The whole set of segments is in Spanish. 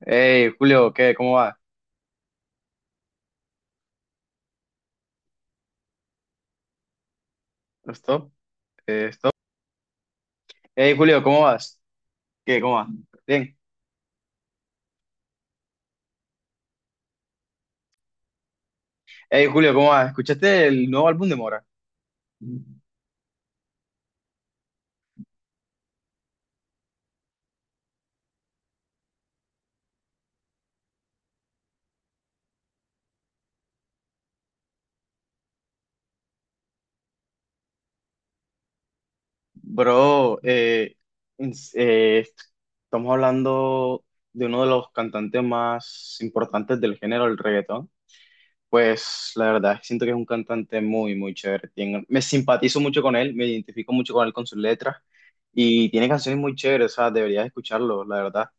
Hey, Julio, ¿qué? ¿Cómo va? ¿Stop? ¿Stop? Hey, Julio, ¿cómo vas? ¿Qué? ¿Cómo vas? Bien. Hey, Julio, ¿cómo vas? ¿Escuchaste el nuevo álbum de Mora? Bro, ins- eh, estamos hablando de uno de los cantantes más importantes del género del reggaetón. Pues la verdad, siento que es un cantante muy, muy chévere. Me simpatizo mucho con él, me identifico mucho con él con sus letras y tiene canciones muy chéveres, o sea, deberías escucharlo, la verdad.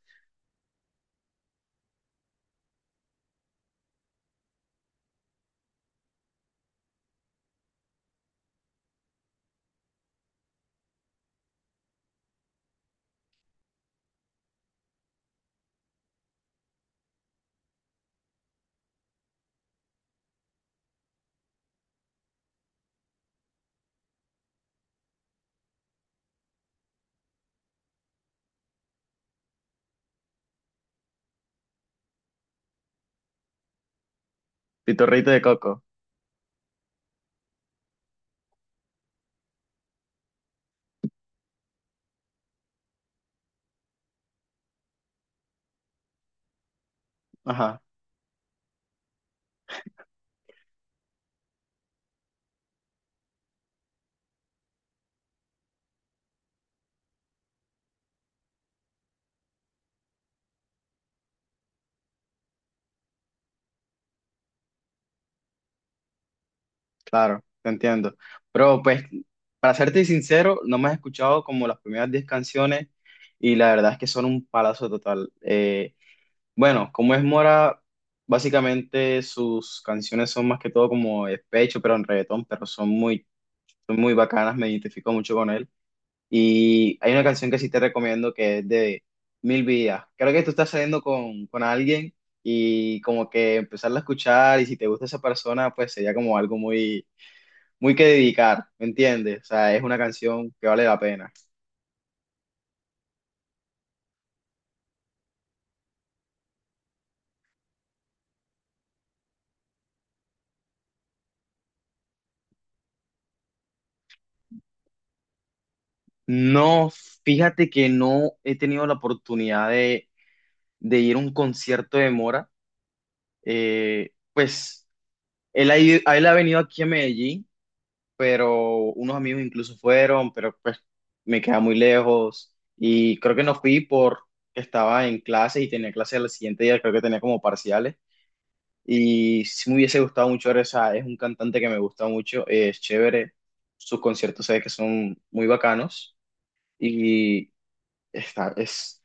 Pitorrito de Coco. Ajá. Claro, te entiendo. Pero pues, para serte sincero, no me has escuchado como las primeras 10 canciones y la verdad es que son un palazo total. Bueno, como es Mora, básicamente sus canciones son más que todo como despecho, pero en reggaetón, pero son muy bacanas, me identifico mucho con él. Y hay una canción que sí te recomiendo que es de Mil Vidas. Creo que tú estás saliendo con alguien y como que empezarla a escuchar y si te gusta esa persona, pues sería como algo muy muy que dedicar, ¿me entiendes? O sea, es una canción que vale la pena. No, fíjate que no he tenido la oportunidad de ir a un concierto de Mora. Pues él ha venido aquí a Medellín, pero unos amigos incluso fueron, pero pues me queda muy lejos. Y creo que no fui porque estaba en clase y tenía clase al siguiente día, creo que tenía como parciales. Y sí me hubiese gustado mucho ver esa, es un cantante que me gusta mucho, es chévere, sus conciertos sé que son muy bacanos y está, es,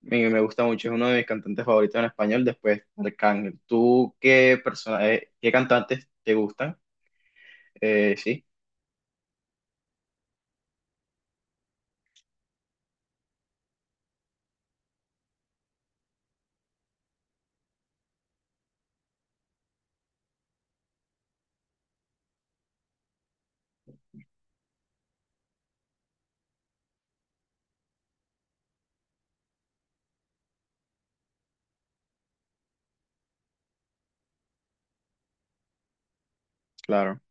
me gusta mucho, es uno de mis cantantes favoritos en español después de Arcángel. ¿Tú qué persona, qué cantantes te gustan? Sí, claro,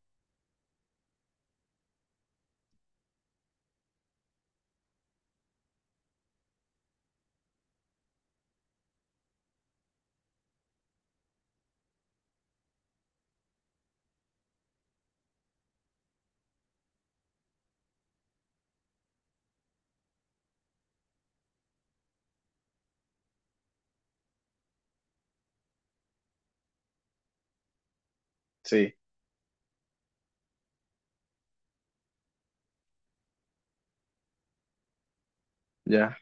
sí, ya.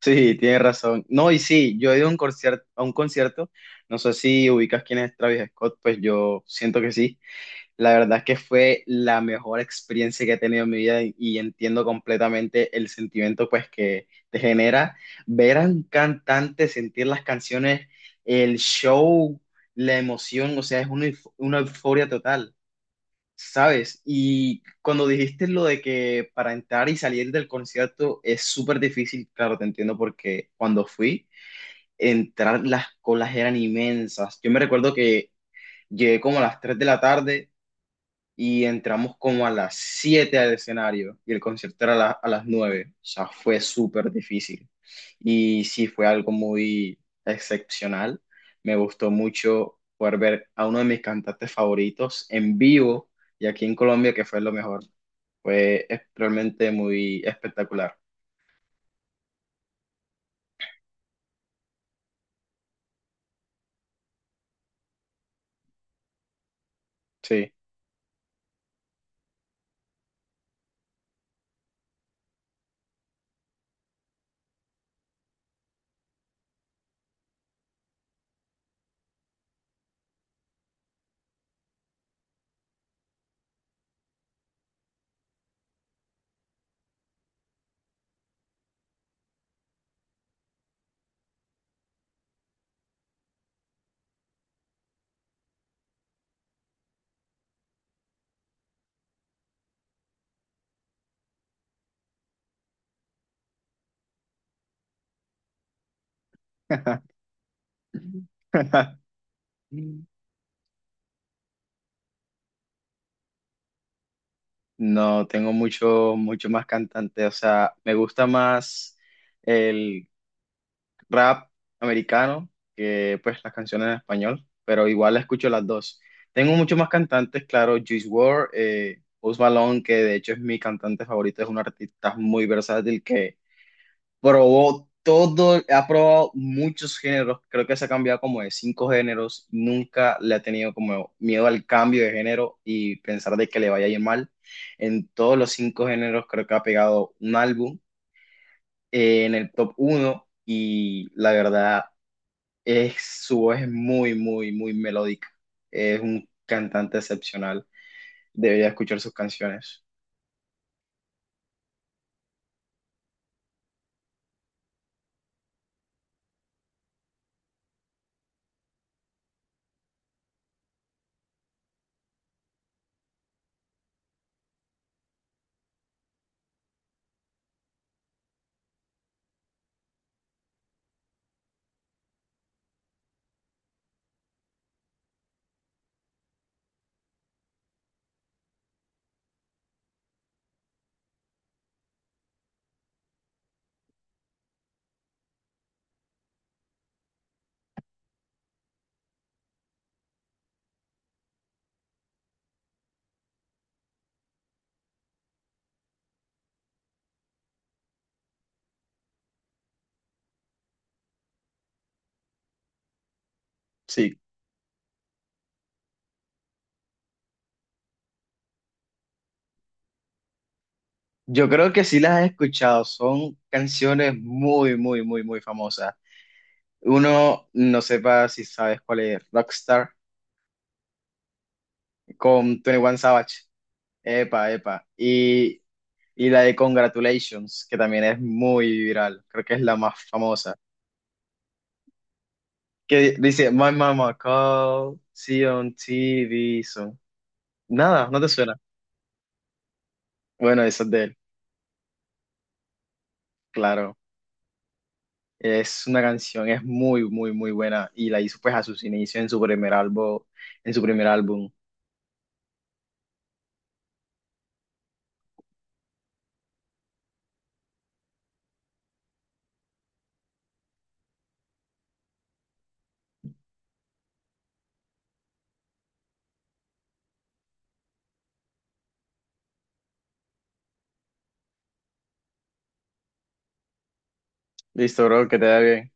Sí, tienes razón. No, y sí, yo he ido a un concierto, no sé si ubicas quién es Travis Scott, pues yo siento que sí. La verdad es que fue la mejor experiencia que he tenido en mi vida y entiendo completamente el sentimiento pues que te genera ver a un cantante, sentir las canciones, el show, la emoción, o sea, es una euforia total, ¿sabes? Y cuando dijiste lo de que para entrar y salir del concierto es súper difícil, claro, te entiendo porque cuando fui, entrar las colas eran inmensas. Yo me recuerdo que llegué como a las 3 de la tarde y entramos como a las 7 al escenario y el concierto era a las 9. O sea, fue súper difícil. Y sí, fue algo muy excepcional. Me gustó mucho poder ver a uno de mis cantantes favoritos en vivo y aquí en Colombia, que fue lo mejor. Realmente muy espectacular. Sí. No, tengo mucho, mucho más cantante. O sea, me gusta más el rap americano, que pues las canciones en español, pero igual escucho las dos. Tengo muchos más cantantes, claro, Juice WRLD, Post Malone, que de hecho es mi cantante favorito, es un artista muy versátil que probó todo, ha probado muchos géneros, creo que se ha cambiado como de 5 géneros, nunca le ha tenido como miedo al cambio de género y pensar de que le vaya a ir mal. En todos los 5 géneros creo que ha pegado un álbum en el top uno y la verdad es, su voz es muy, muy, muy melódica. Es un cantante excepcional. Debería escuchar sus canciones. Sí, yo creo que sí las he escuchado. Son canciones muy, muy, muy, muy famosas. Uno no sepa si sabes cuál es Rockstar con 21 Savage. Epa, epa. Y la de Congratulations, que también es muy viral. Creo que es la más famosa. Que dice, My mama called, see on TV, so. Nada, no te suena. Bueno, eso es de él, claro. Es una canción, es muy, muy, muy buena. Y la hizo pues a sus inicios en su primer álbum, en su primer álbum. Listo, bro, que te da bien.